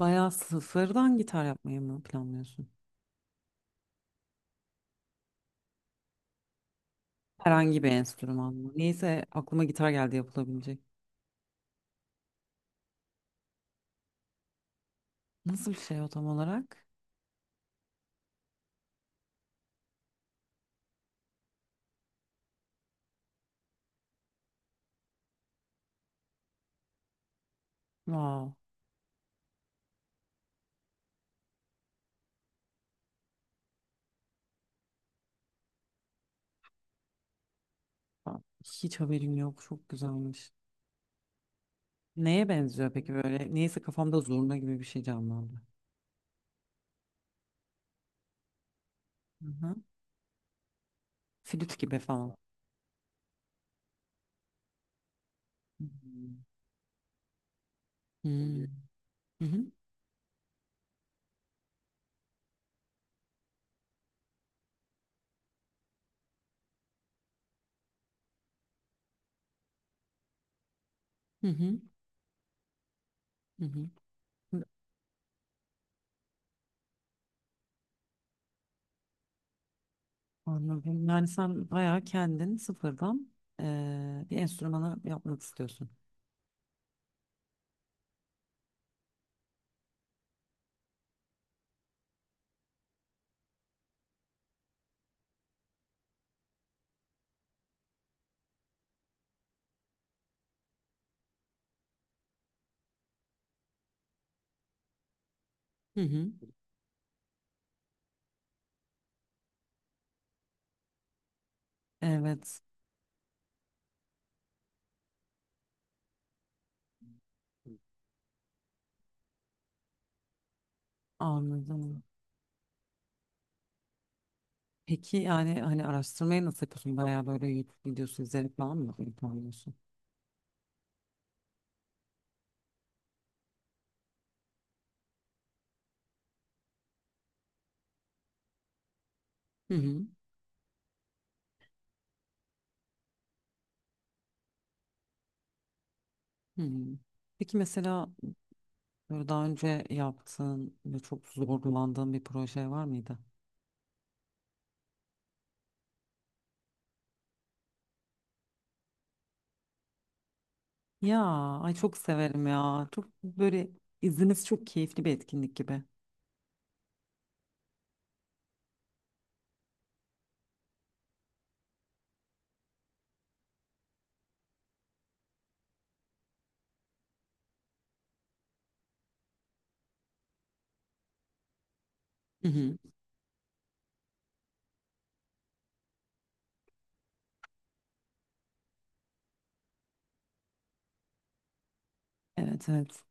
Bayağı sıfırdan gitar yapmayı mı planlıyorsun? Herhangi bir enstrüman mı? Neyse aklıma gitar geldi yapılabilecek. Nasıl bir şey o tam olarak? Wow. Hiç haberim yok. Çok güzelmiş. Neye benziyor peki böyle? Neyse kafamda zurna gibi bir şey canlandı. Hı-hı. Flüt gibi falan. Hı-hı. Hı-hı. Hı-hı. Hı-hı. Anladım. Yani sen bayağı kendin sıfırdan bir enstrümanı yapmak istiyorsun. Hı-hı. Evet. Anladım. Peki yani hani araştırmayı nasıl yapıyorsun? Bayağı böyle YouTube videosu izleyerek falan mı yapıyorsun? Hı hı. Hı hı. Peki mesela böyle daha önce yaptığın ve çok zorlandığın bir proje var mıydı? Ya ay, çok severim ya. Çok böyle izniniz çok keyifli bir etkinlik gibi. Hı hı. Evet, evet.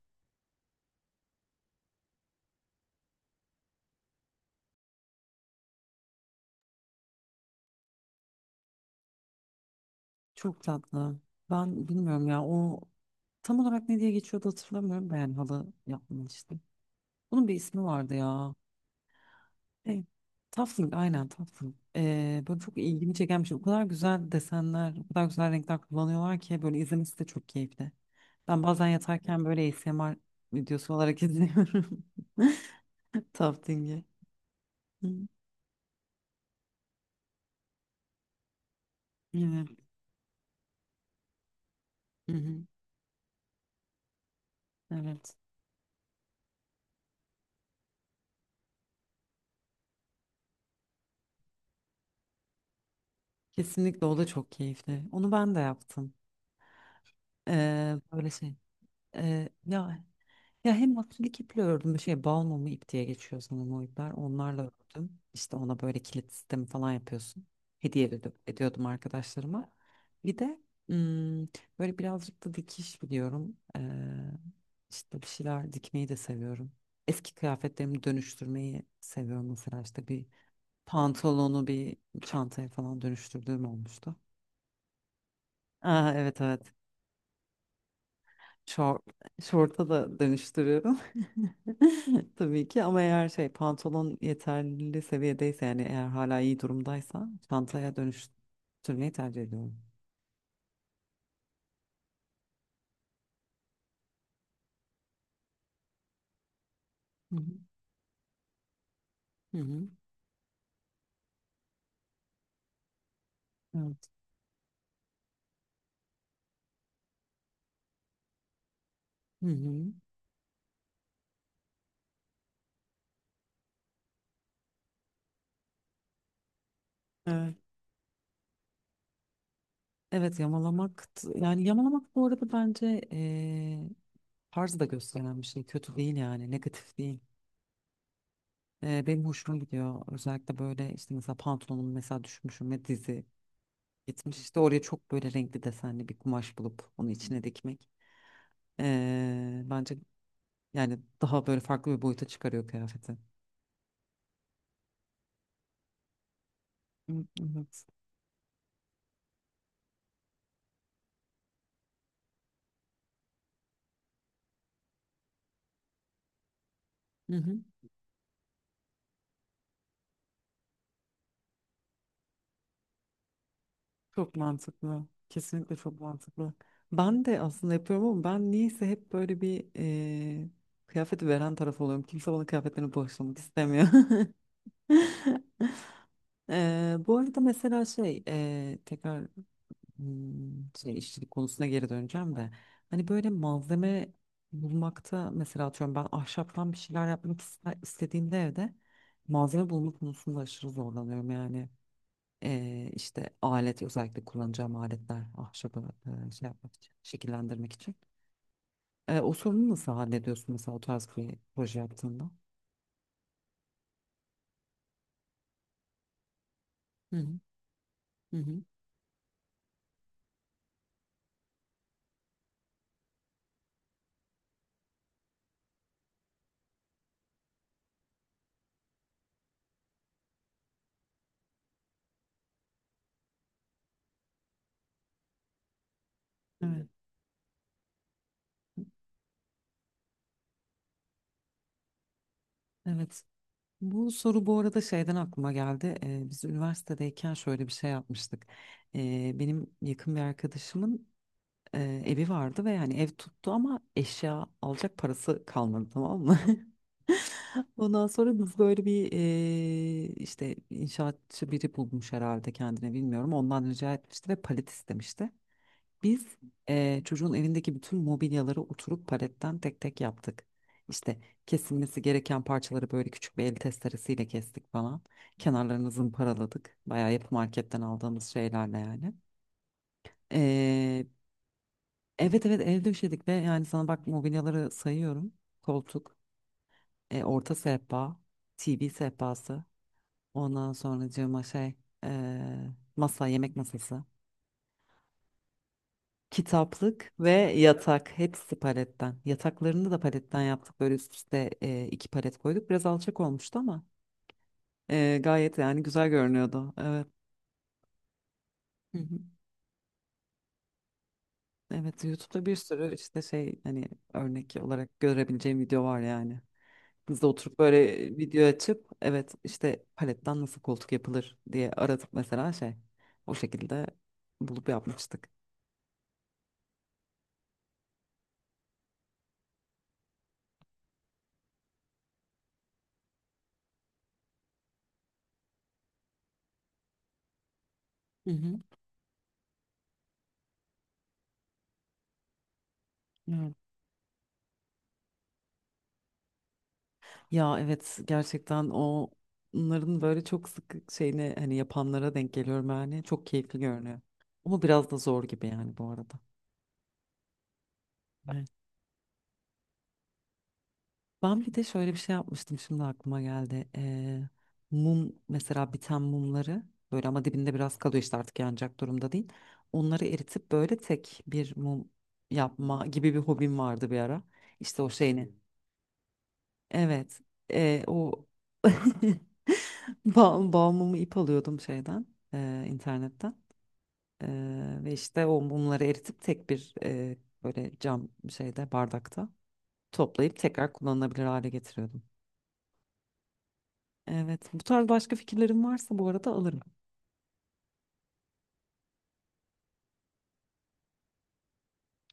Çok tatlı. Ben bilmiyorum ya o tam olarak ne diye geçiyordu, hatırlamıyorum. Ben halı yapmıştım. Bunun bir ismi vardı ya. Şey, Tafting, aynen, Tafting. Böyle çok ilgimi çeken bir şey. O kadar güzel desenler, o kadar güzel renkler kullanıyorlar ki böyle izlemesi de çok keyifli. Ben bazen yatarken böyle ASMR videosu olarak izliyorum. Tafting'i. Hı, evet. Hı hı, evet. Kesinlikle o da çok keyifli. Onu ben de yaptım. Böyle şey. Ya Ya hem akrilik iple ördüm. Bir şey, balmumu ip diye geçiyor sanırım o ipler. Onlarla ördüm. İşte ona böyle kilit sistemi falan yapıyorsun. Hediye ediyordum arkadaşlarıma. Bir de hmm, böyle birazcık da dikiş biliyorum. İşte bir şeyler dikmeyi de seviyorum. Eski kıyafetlerimi dönüştürmeyi seviyorum, mesela işte bir pantolonu bir çantaya falan dönüştürdüğüm olmuştu. Evet, evet. Şort, şorta da dönüştürüyorum. Tabii ki, ama eğer şey pantolon yeterli seviyedeyse, yani eğer hala iyi durumdaysa çantaya dönüştürmeyi tercih ediyorum. Hı hı. Hı hı. Evet. Hı hı. Evet. Evet, yamalamak yani yamalamak bu arada bence tarz da gösteren bir şey. Kötü değil, yani negatif değil. Benim hoşuma gidiyor. Özellikle böyle işte mesela pantolonum mesela düşmüşüm ve dizi gitmiş, işte oraya çok böyle renkli desenli bir kumaş bulup onu içine dikmek. Bence yani daha böyle farklı bir boyuta çıkarıyor kıyafeti. Hı, evet. Hı hı. Çok mantıklı. Kesinlikle çok mantıklı. Ben de aslında yapıyorum, ama ben niyeyse hep böyle bir kıyafeti veren taraf oluyorum. Kimse bana kıyafetlerini bağışlamak istemiyor. Bu arada mesela tekrar şey işçilik konusuna geri döneceğim de hani böyle malzeme bulmakta, mesela atıyorum ben ahşaptan bir şeyler yapmak istediğimde evde malzeme bulma konusunda aşırı zorlanıyorum yani. İşte alet, özellikle kullanacağım aletler, ahşabı şey yapmak için, şekillendirmek için. O sorunu nasıl hallediyorsun mesela o tarz bir proje yaptığında? Hı hı, hı hı. Evet. Evet. Bu soru bu arada şeyden aklıma geldi. Biz üniversitedeyken şöyle bir şey yapmıştık. Benim yakın bir arkadaşımın evi vardı ve yani ev tuttu ama eşya alacak parası kalmadı, tamam mı? Ondan sonra biz böyle bir işte inşaatçı biri bulmuş herhalde kendine, bilmiyorum. Ondan rica etmişti ve palet istemişti. Biz çocuğun evindeki bütün mobilyaları oturup paletten tek tek yaptık. İşte kesilmesi gereken parçaları böyle küçük bir el testeresiyle kestik falan. Kenarlarını zımparaladık. Bayağı yapı marketten aldığımız şeylerle yani. Eee, evet, evet, ev döşedik ve yani sana bak mobilyaları sayıyorum. Koltuk, orta sehpa, TV sehpası. Ondan sonracığıma eee, masa, yemek masası. Kitaplık ve yatak, hepsi paletten. Yataklarını da paletten yaptık. Böyle üst üste iki palet koyduk. Biraz alçak olmuştu ama gayet yani güzel görünüyordu. Evet. Hı hı. Evet, YouTube'da bir sürü işte şey, hani örnek olarak görebileceğim video var yani. Biz de oturup böyle video açıp evet, işte paletten nasıl koltuk yapılır diye aratıp mesela şey, o şekilde bulup yapmıştık. Hı hı. Ya evet, gerçekten o onların böyle çok sık şeyini hani yapanlara denk geliyorum yani. Çok keyifli görünüyor. Ama biraz da zor gibi yani bu arada. Evet. Ben bir de şöyle bir şey yapmıştım, şimdi aklıma geldi. Mum, mesela biten mumları, böyle ama dibinde biraz kalıyor işte, artık yanacak durumda değil. Onları eritip böyle tek bir mum yapma gibi bir hobim vardı bir ara. İşte o şeyini. Evet. O bağımımı ip alıyordum şeyden, internetten. E, Ve işte o mumları eritip tek bir böyle cam şeyde, bardakta toplayıp tekrar kullanılabilir hale getiriyordum. Evet. Bu tarz başka fikirlerin varsa bu arada alırım.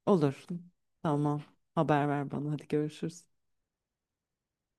Olur. Tamam. Haber ver bana. Hadi görüşürüz.